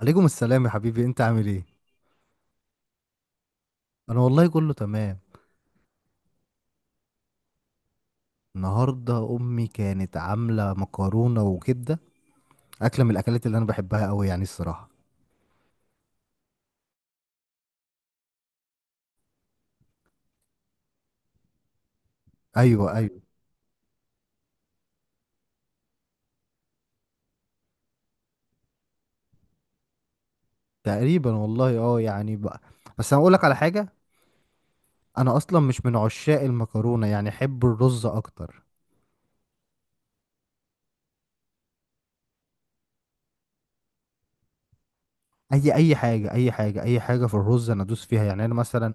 عليكم السلام يا حبيبي، انت عامل ايه؟ انا والله كله تمام. النهارده امي كانت عامله مكرونه وكبده. اكله من الاكلات اللي انا بحبها قوي يعني، الصراحه. ايوه، ايوه. تقريبا والله، اه يعني بقى. بس انا اقول لك على حاجه. انا اصلا مش من عشاق المكرونه يعني، احب الرز اكتر. اي اي حاجه، اي حاجه، اي حاجه في الرز انا ادوس فيها يعني. انا مثلا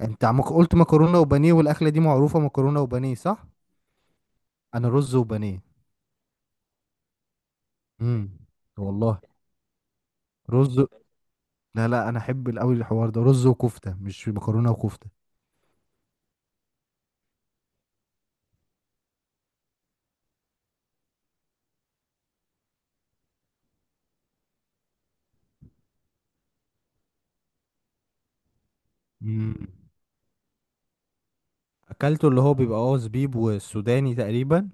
انت عم قلت مكرونه وبانيه، والاكله دي معروفه مكرونه وبانيه صح. انا رز وبانيه. امم والله. رز. لا لا، انا احب قوي الحوار ده، رز وكفته مش مكرونه وكفته. مم. اكلته اللي هو بيبقى اه زبيب والسوداني تقريبا.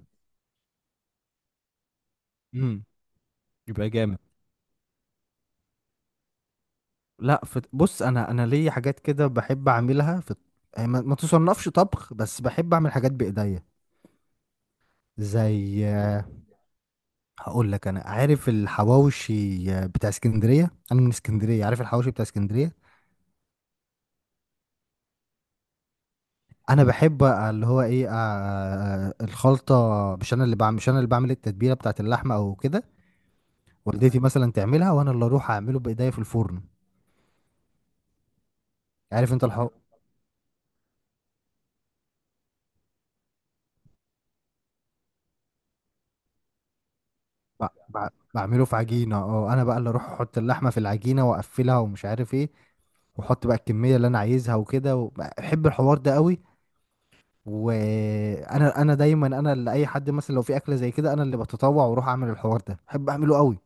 امم يبقى جامد. لا فت... بص، انا ليا حاجات كده بحب اعملها في، يعني ما تصنفش طبخ، بس بحب اعمل حاجات بايديا زي، هقول لك. انا عارف الحواوشي بتاع اسكندريه، انا من اسكندريه عارف الحواوشي بتاع اسكندريه. انا بحب اللي هو ايه الخلطه. مش انا اللي بعمل التتبيله بتاعت اللحمه او كده، والدتي مثلا تعملها وانا اللي اروح اعمله بايديا في الفرن. عارف انت الحق. ب- ب- بعمله في عجينه. اه انا بقى اللي اروح احط اللحمه في العجينه واقفلها ومش عارف ايه، واحط بقى الكميه اللي انا عايزها وكده، و- بحب الحوار ده قوي. وانا دايما انا اللي، اي حد مثلا لو في اكله زي كده انا اللي بتطوع واروح اعمل الحوار ده، بحب اعمله قوي.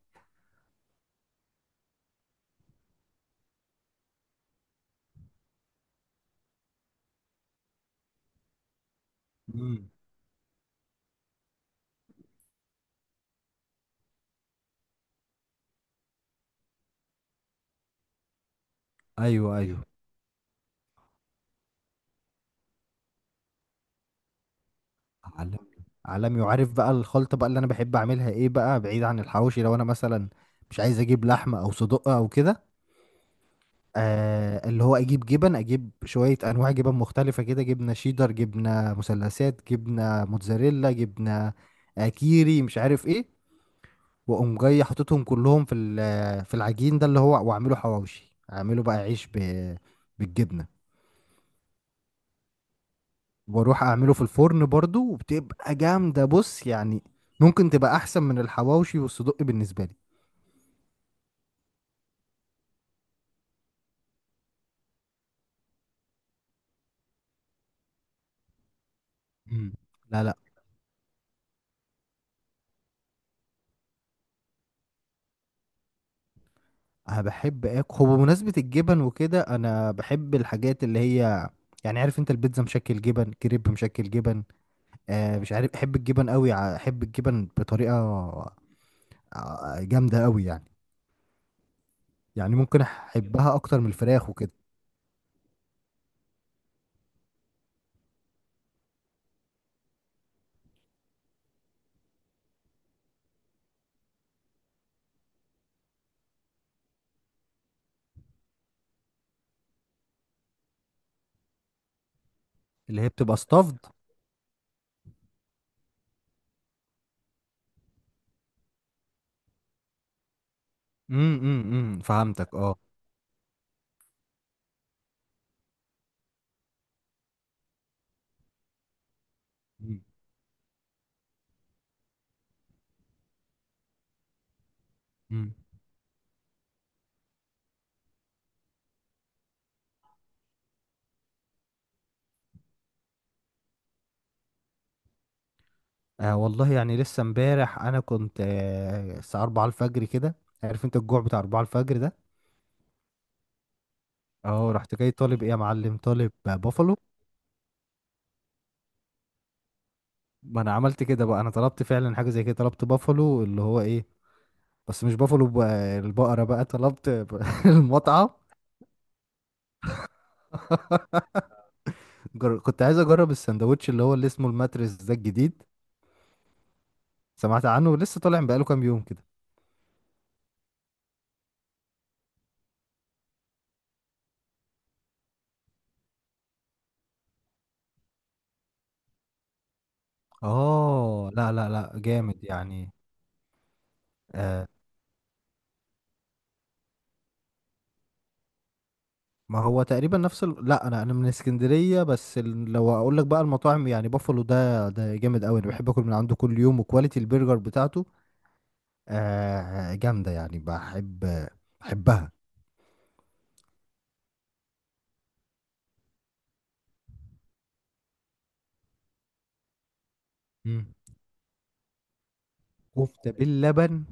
مم. ايوه، ايوه. عالمي. عالمي. وعارف بقى الخلطة بقى اللي أنا بحب أعملها إيه بقى، بعيد عن الحواوشي، لو أنا مثلا مش عايز أجيب لحمة أو صدق أو كده، اللي هو اجيب جبن، اجيب شوية انواع جبن مختلفة كده، جبنة شيدر، جبنة مثلثات، جبنة موتزاريلا، جبنة كيري، مش عارف ايه. واقوم جاي حاططهم كلهم في العجين ده، اللي هو واعمله حواوشي، اعمله بقى عيش بالجبنة، واروح اعمله في الفرن برضو، وبتبقى جامدة بص يعني. ممكن تبقى احسن من الحواوشي والصدق بالنسبة لي. مم. لا لا. انا بحب اكل، هو بمناسبه الجبن وكده انا بحب الحاجات اللي هي، يعني عارف انت، البيتزا مشكل جبن، كريب مشكل جبن، مش عارف، احب الجبن قوي. احب الجبن بطريقه جامده قوي يعني. يعني ممكن احبها اكتر من الفراخ وكده. اللي هي بتبقى ستافد. إمم، إمم، فهمتك اه. مم، مم. والله يعني لسه امبارح انا كنت الساعه 4 الفجر كده، عارف انت الجوع بتاع 4 الفجر ده؟ اه رحت جاي طالب ايه يا معلم، طالب بافالو. ما انا عملت كده بقى، انا طلبت فعلا حاجه زي كده، طلبت بافالو اللي هو ايه، بس مش بافالو بقى، البقره بقى، طلبت المطعم. كنت عايز اجرب السندوتش اللي هو اللي اسمه الماتريس ده الجديد. سمعت عنه لسه طالع بقاله كام يوم كده. اه لا لا لا، جامد يعني. آه ما هو تقريبا نفس لا، انا من اسكندريه، بس لو اقول لك بقى المطاعم، يعني بافالو ده ده جامد قوي، انا بحب اكل من عنده كل يوم، وكواليتي البرجر بتاعته جامده يعني، بحب، بحبها. مم. كفتة باللبن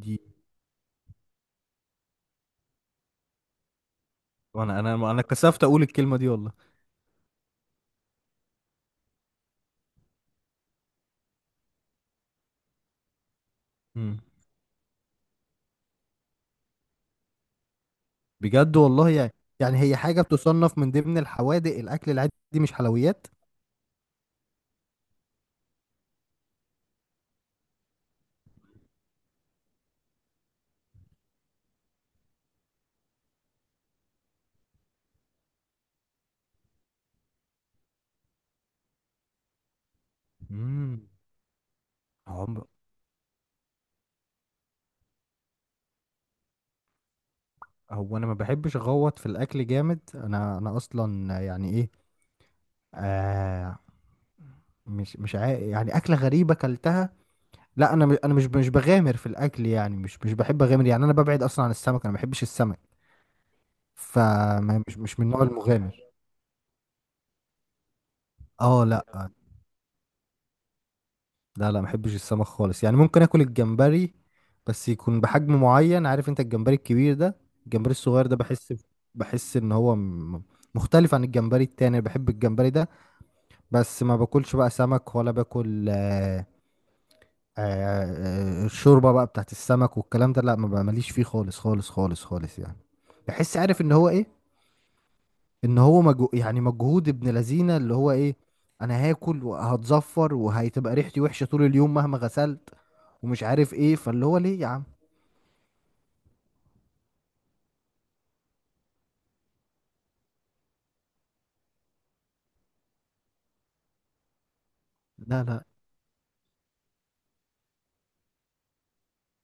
دي، وانا انا انا كسفت اقول الكلمة دي والله. مم. بجد والله يعني. يعني هي حاجة بتصنف من ضمن الحوادق، الأكل العادي مش حلويات. مم. عم- هو أنا ما بحبش أغوط في الأكل جامد. أنا أصلا يعني إيه، آه مش يعني أكلة غريبة أكلتها. لا، أنا مش بغامر في الأكل يعني، مش بحب أغامر، يعني أنا ببعد أصلا عن السمك، أنا ما بحبش السمك. فمش مش مش من النوع المغامر. اه لا، لا ما بحبش السمك خالص يعني. ممكن اكل الجمبري، بس يكون بحجم معين، عارف انت الجمبري الكبير ده، الجمبري الصغير ده بحس، بحس ان هو مختلف عن الجمبري التاني، بحب الجمبري ده. بس ما باكلش بقى سمك ولا باكل آه، الشوربة بقى بتاعت السمك والكلام ده لا، ما بقى- ماليش فيه خالص خالص خالص خالص يعني. بحس عارف ان هو ايه، ان هو يعني مجهود ابن لذينه، اللي هو ايه، انا هاكل وهتزفر وهتبقى ريحتي وحشه طول اليوم مهما غسلت، ومش عارف ايه، فاللي هو ليه يا عم. لا لا.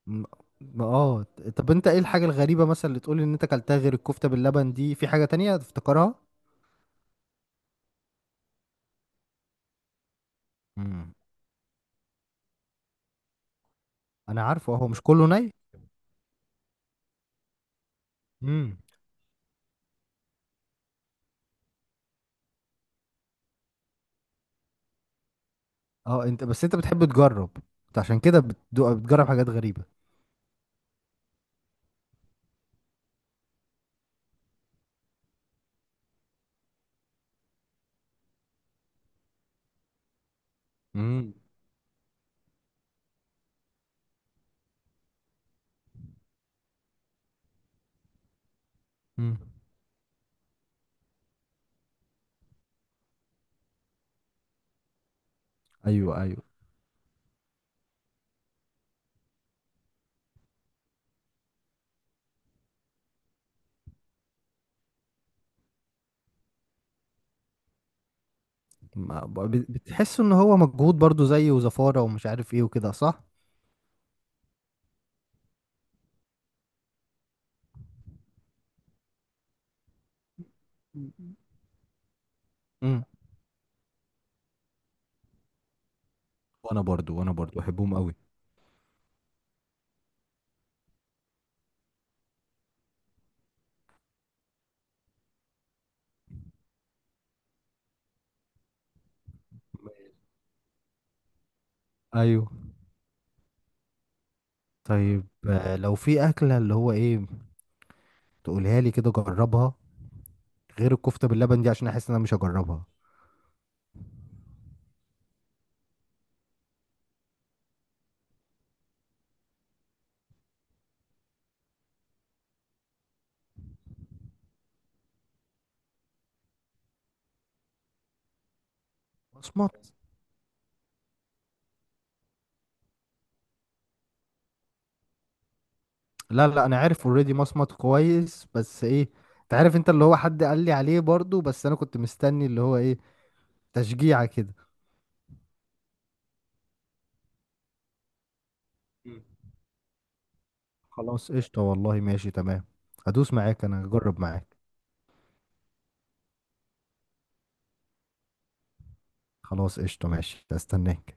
م- اه. طب انت ايه الحاجه الغريبه مثلا اللي تقولي ان انت كلتها غير الكفته باللبن دي؟ في حاجه تانية تفتكرها؟ مم. انا عارفه هو مش كله ني. امم اه. انت بس انت بتحب تجرب، انت عشان كده بتجرب حاجات غريبه. مم. امم ايوه، ايوه. بتحس ان هو مجهود برضو، زي وزفارة ومش عارف ايه وكده صح؟ امم وانا برضو بحبهم قوي. ايوه. طيب لو في اكله اللي هو ايه، تقولها لي كده جربها، غير الكفته باللبن دي، عشان احس ان انا مش هجربها. مصمت. لا لا، انا عارف اوريدي مصمت كويس، بس ايه، انت عارف انت اللي هو، حد قال لي عليه برضو بس انا كنت مستني اللي هو ايه، تشجيعه كده. مم. خلاص قشطه والله، ماشي تمام، هدوس معاك، انا هجرب معاك. خلاص قشطة، ماشي، استناك.